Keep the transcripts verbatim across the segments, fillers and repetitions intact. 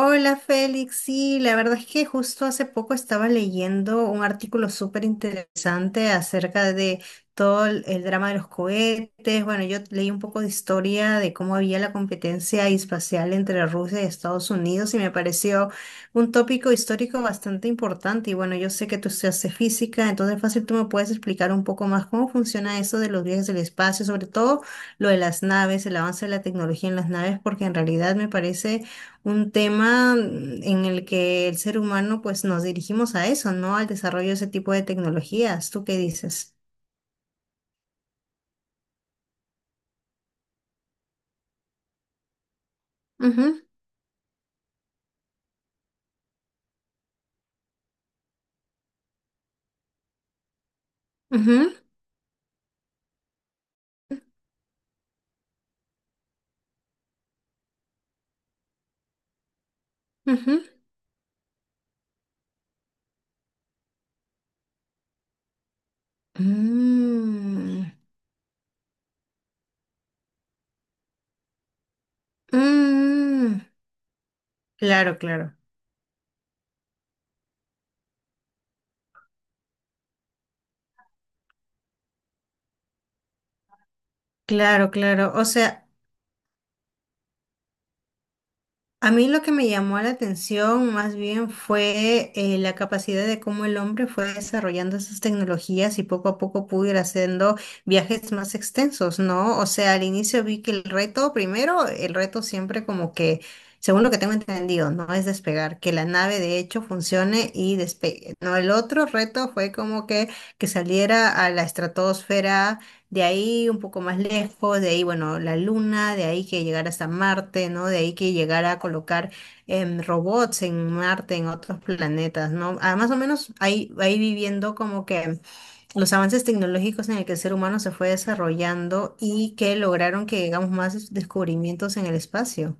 Hola Félix, sí, la verdad es que justo hace poco estaba leyendo un artículo súper interesante acerca de todo el, el drama de los cohetes. Bueno, yo leí un poco de historia de cómo había la competencia espacial entre Rusia y Estados Unidos y me pareció un tópico histórico bastante importante. Y bueno, yo sé que tú estudiaste física, entonces fácil tú me puedes explicar un poco más cómo funciona eso de los viajes del espacio, sobre todo lo de las naves, el avance de la tecnología en las naves, porque en realidad me parece un tema mm, en el que el ser humano pues nos dirigimos a eso, ¿no? Al desarrollo de ese tipo de tecnologías. ¿Tú qué dices? Ujú, ujú, ujú. Mm, mm. Claro, claro, claro, claro. O sea, a mí lo que me llamó la atención más bien fue eh, la capacidad de cómo el hombre fue desarrollando esas tecnologías y poco a poco pudo ir haciendo viajes más extensos, ¿no? O sea, al inicio vi que el reto, primero, el reto siempre como que, según lo que tengo entendido, no es despegar, que la nave de hecho funcione y despegue, ¿no? El otro reto fue como que, que saliera a la estratosfera, de ahí un poco más lejos, de ahí, bueno, la Luna, de ahí que llegara hasta Marte, ¿no? De ahí que llegara a colocar em, robots en Marte, en otros planetas, ¿no? Ah, más o menos ahí, ahí viviendo como que los avances tecnológicos en el que el ser humano se fue desarrollando y que lograron que llegamos más des- descubrimientos en el espacio.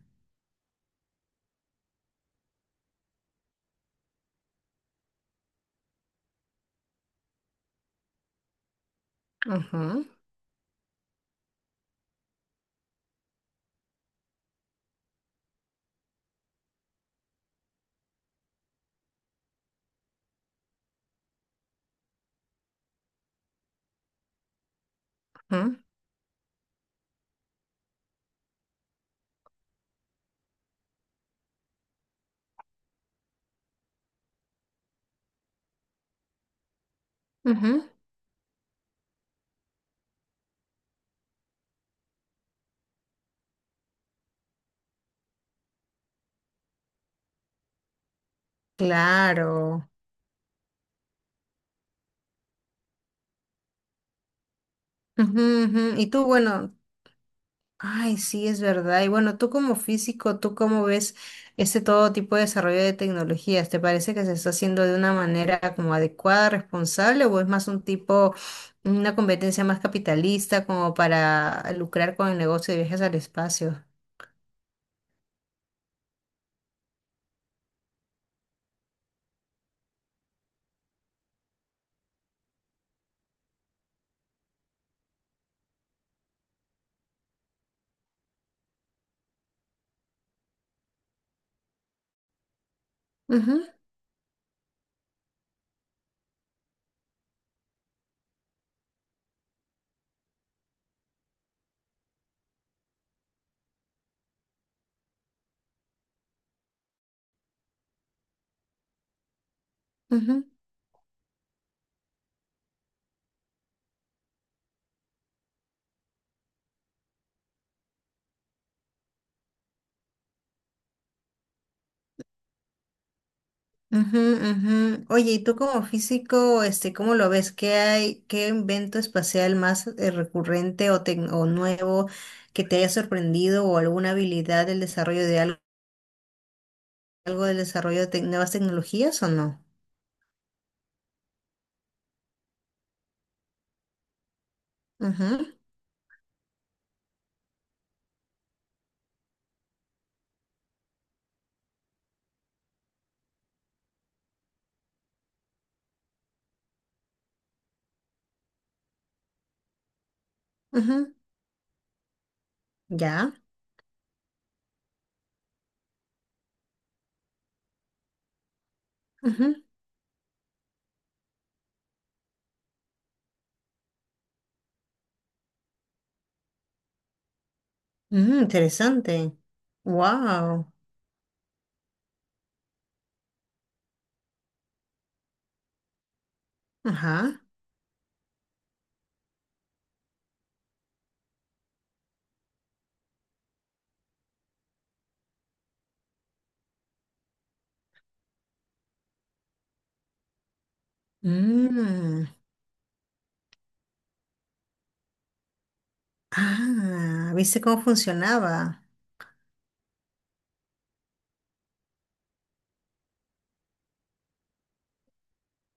Ujú, ujú, ujú. Claro. Ujú, ujú. Y tú, bueno, ay, sí, es verdad. Y bueno, tú como físico, ¿tú cómo ves este todo tipo de desarrollo de tecnologías? ¿Te parece que se está haciendo de una manera como adecuada, responsable, o es más un tipo, una competencia más capitalista como para lucrar con el negocio de viajes al espacio? Ujú, ujú. Ujú, ujú. Oye, ¿y tú como físico, este, cómo lo ves? ¿Qué hay, qué invento espacial más eh, recurrente o, tec- o nuevo que te haya sorprendido o alguna habilidad del desarrollo de algo, algo del desarrollo de tec- nuevas tecnologías o no? Ujú, ujú. Ya. Ujú. Mm, interesante. Wow. Ajá. Mm. Ah, ¿viste cómo funcionaba?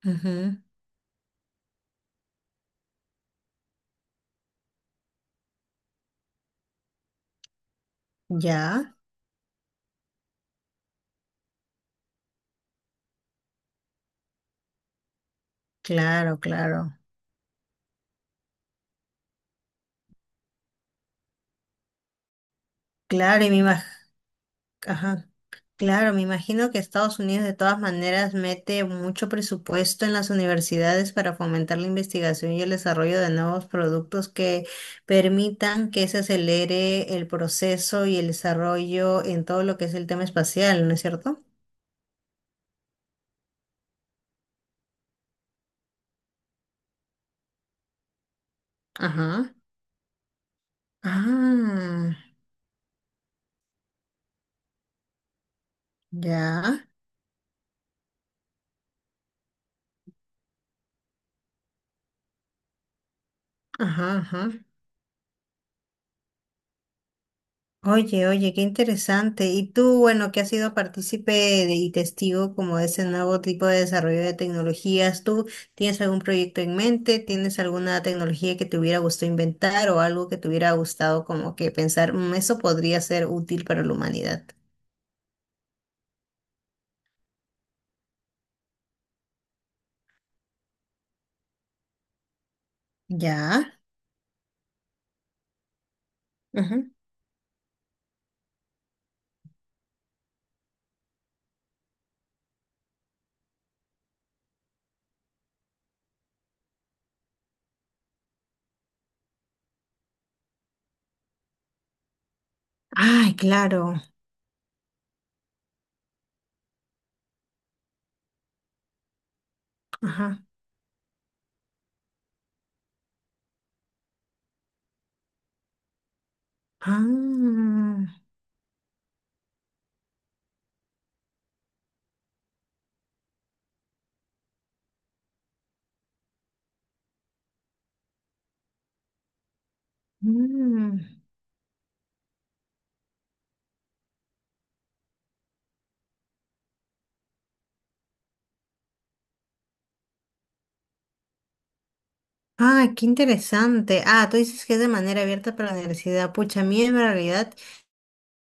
Ujú. Ya. Claro, claro. Claro, y me imagino. Claro, me imagino que Estados Unidos de todas maneras mete mucho presupuesto en las universidades para fomentar la investigación y el desarrollo de nuevos productos que permitan que se acelere el proceso y el desarrollo en todo lo que es el tema espacial, ¿no es cierto? Ajá. Ah, ya. Ajá, ajá. Oye, oye, qué interesante. Y tú, bueno, que has sido partícipe de- y testigo como de ese nuevo tipo de desarrollo de tecnologías, ¿tú tienes algún proyecto en mente? ¿Tienes alguna tecnología que te hubiera gustado inventar o algo que te hubiera gustado como que pensar, "Mm, eso podría ser útil para la humanidad"? Ya. Ujú. Ay, claro. Ajá. Ah, mm. Ah, qué interesante. Ah, tú dices que es de manera abierta para la universidad. Pucha, a mí en realidad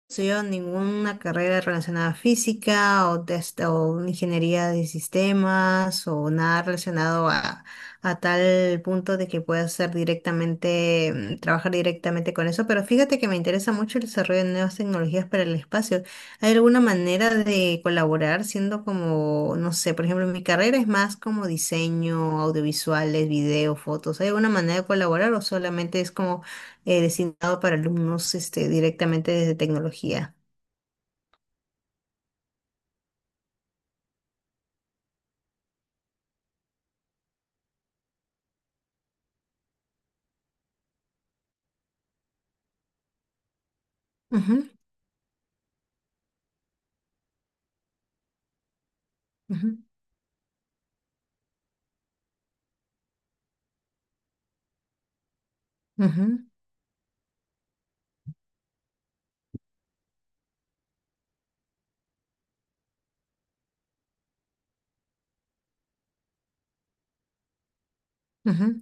estudiado ninguna carrera relacionada a física o, de esta- o ingeniería de sistemas o nada relacionado a, a tal punto de que pueda ser directamente, mm, trabajar directamente con eso. Pero fíjate que me interesa mucho el desarrollo de nuevas tecnologías para el espacio. ¿Hay alguna manera de colaborar siendo como, no sé, por ejemplo, mi carrera es más como diseño, audiovisuales, video, fotos? ¿Hay alguna manera de colaborar o solamente es como eh, designado para alumnos este, directamente desde tecnología? Ujú, ujú, ujú, ujú.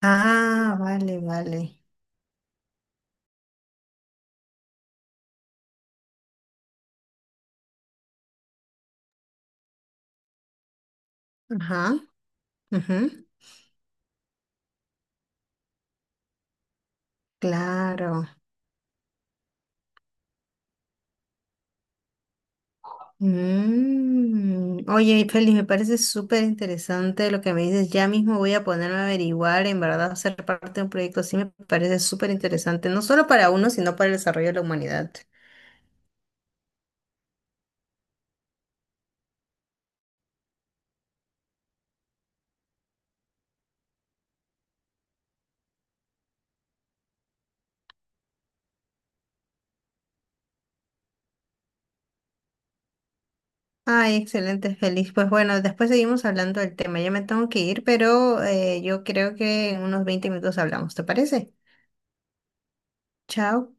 Ah, vale, vale. Ajá, ujú, claro. Mm. Oye, Félix, me parece súper interesante lo que me dices. Ya mismo voy a ponerme a averiguar, en verdad, ser parte de un proyecto así me parece súper interesante, no solo para uno, sino para el desarrollo de la humanidad. Ay, excelente, feliz. Pues bueno, después seguimos hablando del tema. Ya me tengo que ir, pero eh, yo creo que en unos veinte minutos hablamos, ¿te parece? Chao.